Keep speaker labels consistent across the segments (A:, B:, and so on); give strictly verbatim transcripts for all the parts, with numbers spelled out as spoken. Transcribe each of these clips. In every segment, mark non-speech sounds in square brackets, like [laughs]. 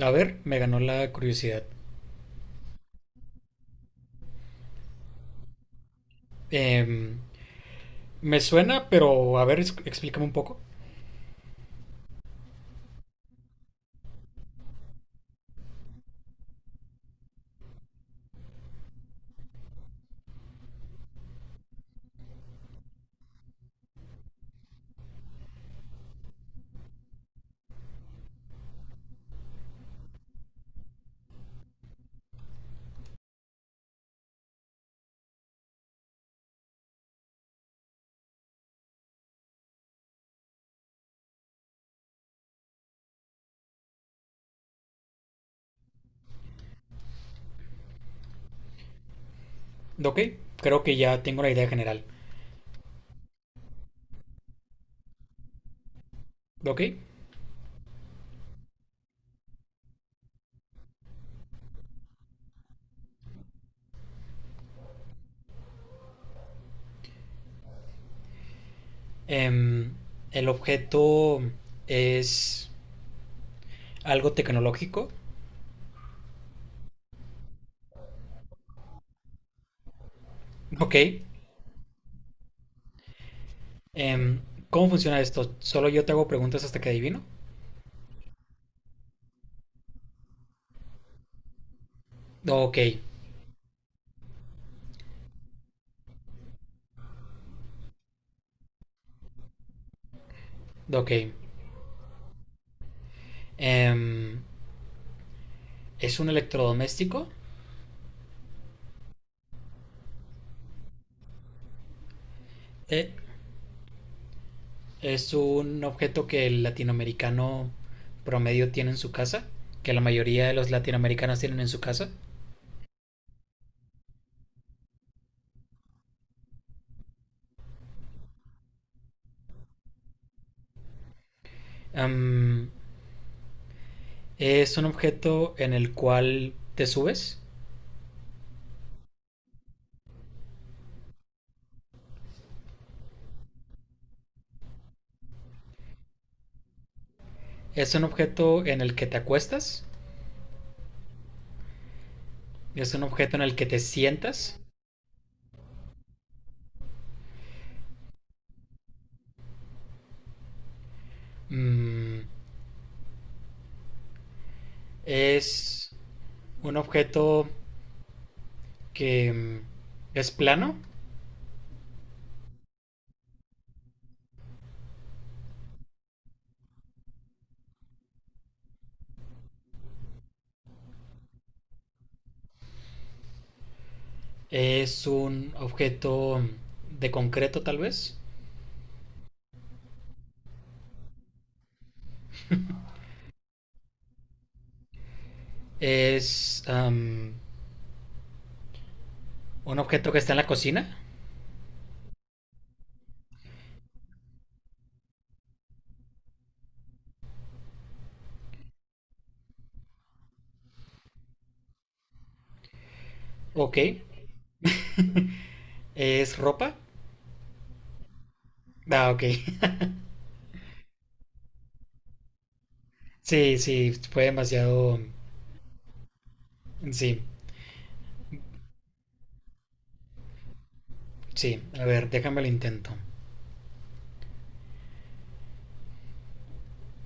A: A ver, me ganó la curiosidad. Em, Me suena, pero a ver, ex- explícame un poco. Ok, creo que ya tengo la idea general. Ok. em, el objeto es algo tecnológico. Ok. em, ¿Cómo funciona esto? ¿Solo yo te hago preguntas hasta que adivino? Ok, ok. Em, ¿Es un electrodoméstico? Eh, Es un objeto que el latinoamericano promedio tiene en su casa, que la mayoría de los latinoamericanos tienen en su casa. Am, es un objeto en el cual te subes, es un objeto en el que te acuestas, es un objeto en el que te sientas. Mm, es un objeto que mm, es plano, es un objeto de concreto tal vez, es am, un objeto que está en la cocina. Ok. ¿Es ropa? Ah, ok. [laughs] Sí, sí, fue demasiado… Sí, sí. A ver, déjame lo intento.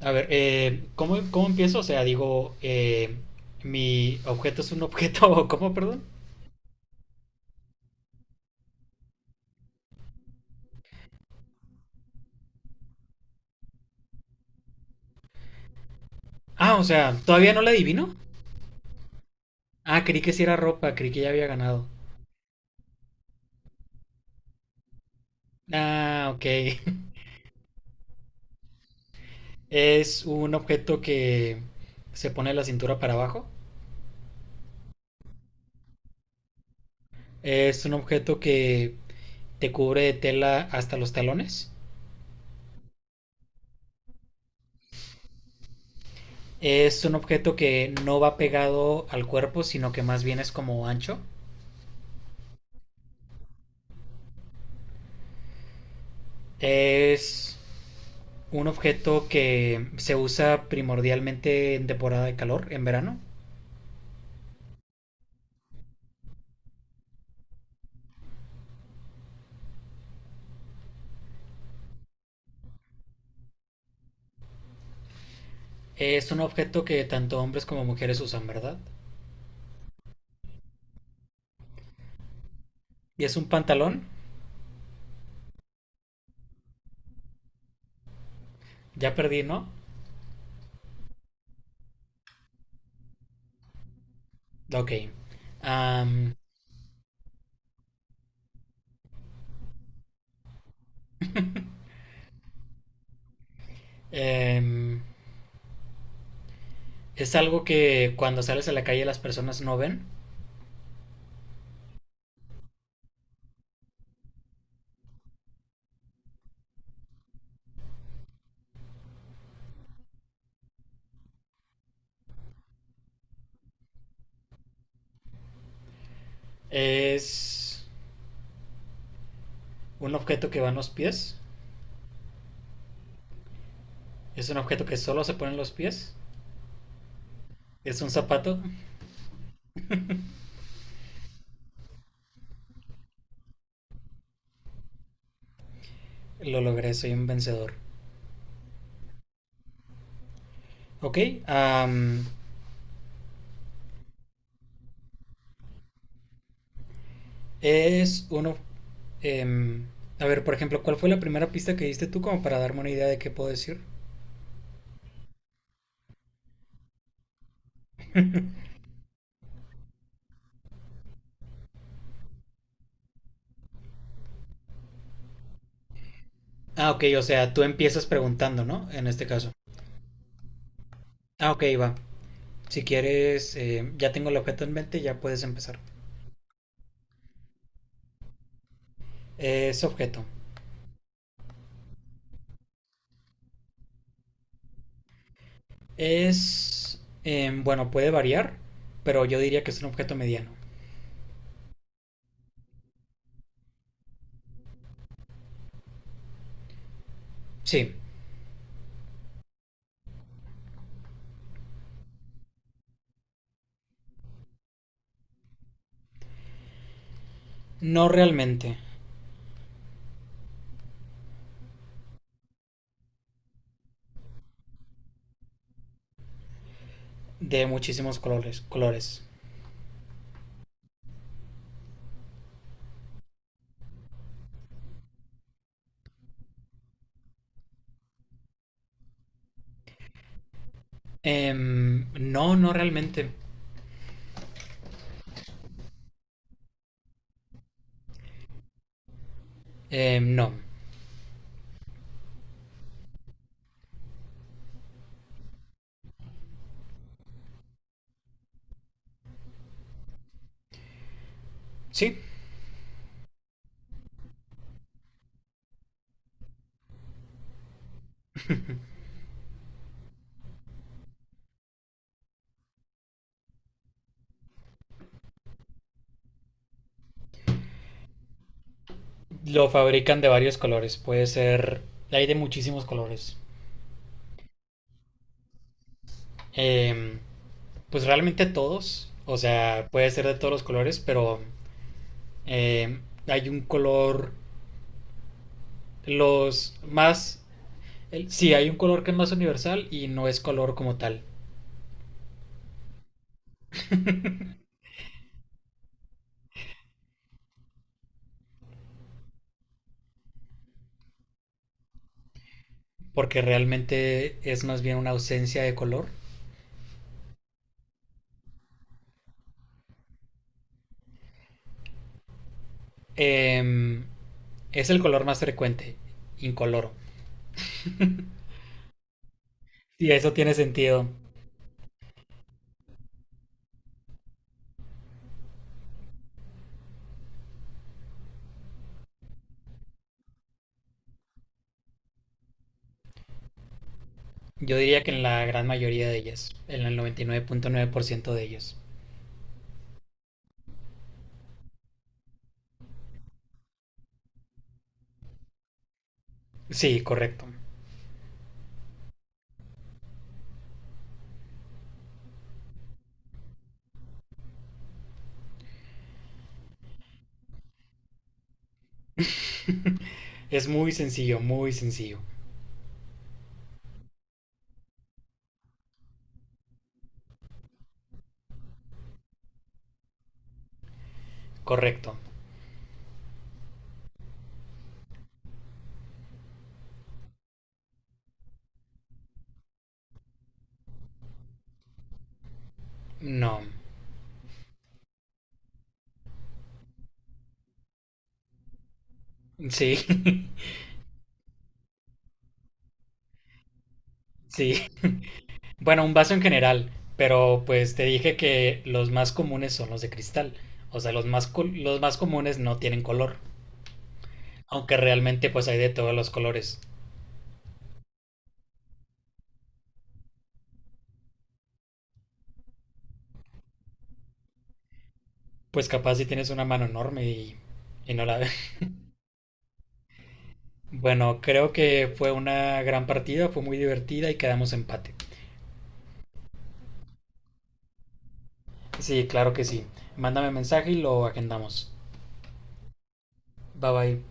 A: A ver, eh, ¿cómo, cómo empiezo? O sea, digo, eh, mi objeto es un objeto, [laughs] o ¿cómo, perdón? Ah, o sea, ¿todavía no la adivino? Ah, creí que sí era ropa, creí que ya había ganado. Ah, ok. [laughs] Es un objeto que se pone la cintura para abajo. Es un objeto que te cubre de tela hasta los talones. Es un objeto que no va pegado al cuerpo, sino que más bien es como ancho. Es un objeto que se usa primordialmente en temporada de calor, en verano. Es un objeto que tanto hombres como mujeres usan, ¿verdad? Y es un pantalón. Ya perdí, ¿no? Ok. Am, em, es algo que cuando sales a la calle las personas no ven. Es un objeto que va en los pies. Es un objeto que solo se pone en los pies. Es un zapato. Lo logré, soy un vencedor. Ok, am, es uno... em, a ver, por ejemplo, ¿cuál fue la primera pista que diste tú como para darme una idea de qué puedo decir? Ah, ok, o sea, tú empiezas preguntando, ¿no? En este caso. Ah, ok, va. Si quieres, eh, ya tengo el objeto en mente, ya puedes empezar. Es objeto. Es... em, bueno, puede variar, pero yo diría que es un objeto mediano. Sí, no realmente. De muchísimos colores, colores. Em, no, no realmente. Eh, no. Sí, lo fabrican de varios colores. Puede ser. Hay de muchísimos colores. Eh, pues realmente todos. O sea, puede ser de todos los colores, pero eh, hay un color. Los más. El- sí, hay un color que es más universal y no es color como tal. Porque realmente es más bien una ausencia de color. Em, es el color más frecuente, incoloro. Y eso tiene sentido. Yo diría que en la gran mayoría de ellas, en el noventa y nueve punto nueve por ciento de ellas. Sí, correcto. [laughs] Es muy sencillo, muy sencillo. Correcto. No. Sí, [laughs] sí. Bueno, un vaso en general, pero pues te dije que los más comunes son los de cristal. O sea, los más, co- los más comunes no tienen color, aunque realmente pues hay de todos los colores. Pues capaz si tienes una mano enorme y, y no la [laughs] ves. Bueno, creo que fue una gran partida, fue muy divertida y quedamos empate. Sí, claro que sí. Mándame mensaje y lo agendamos. Bye bye.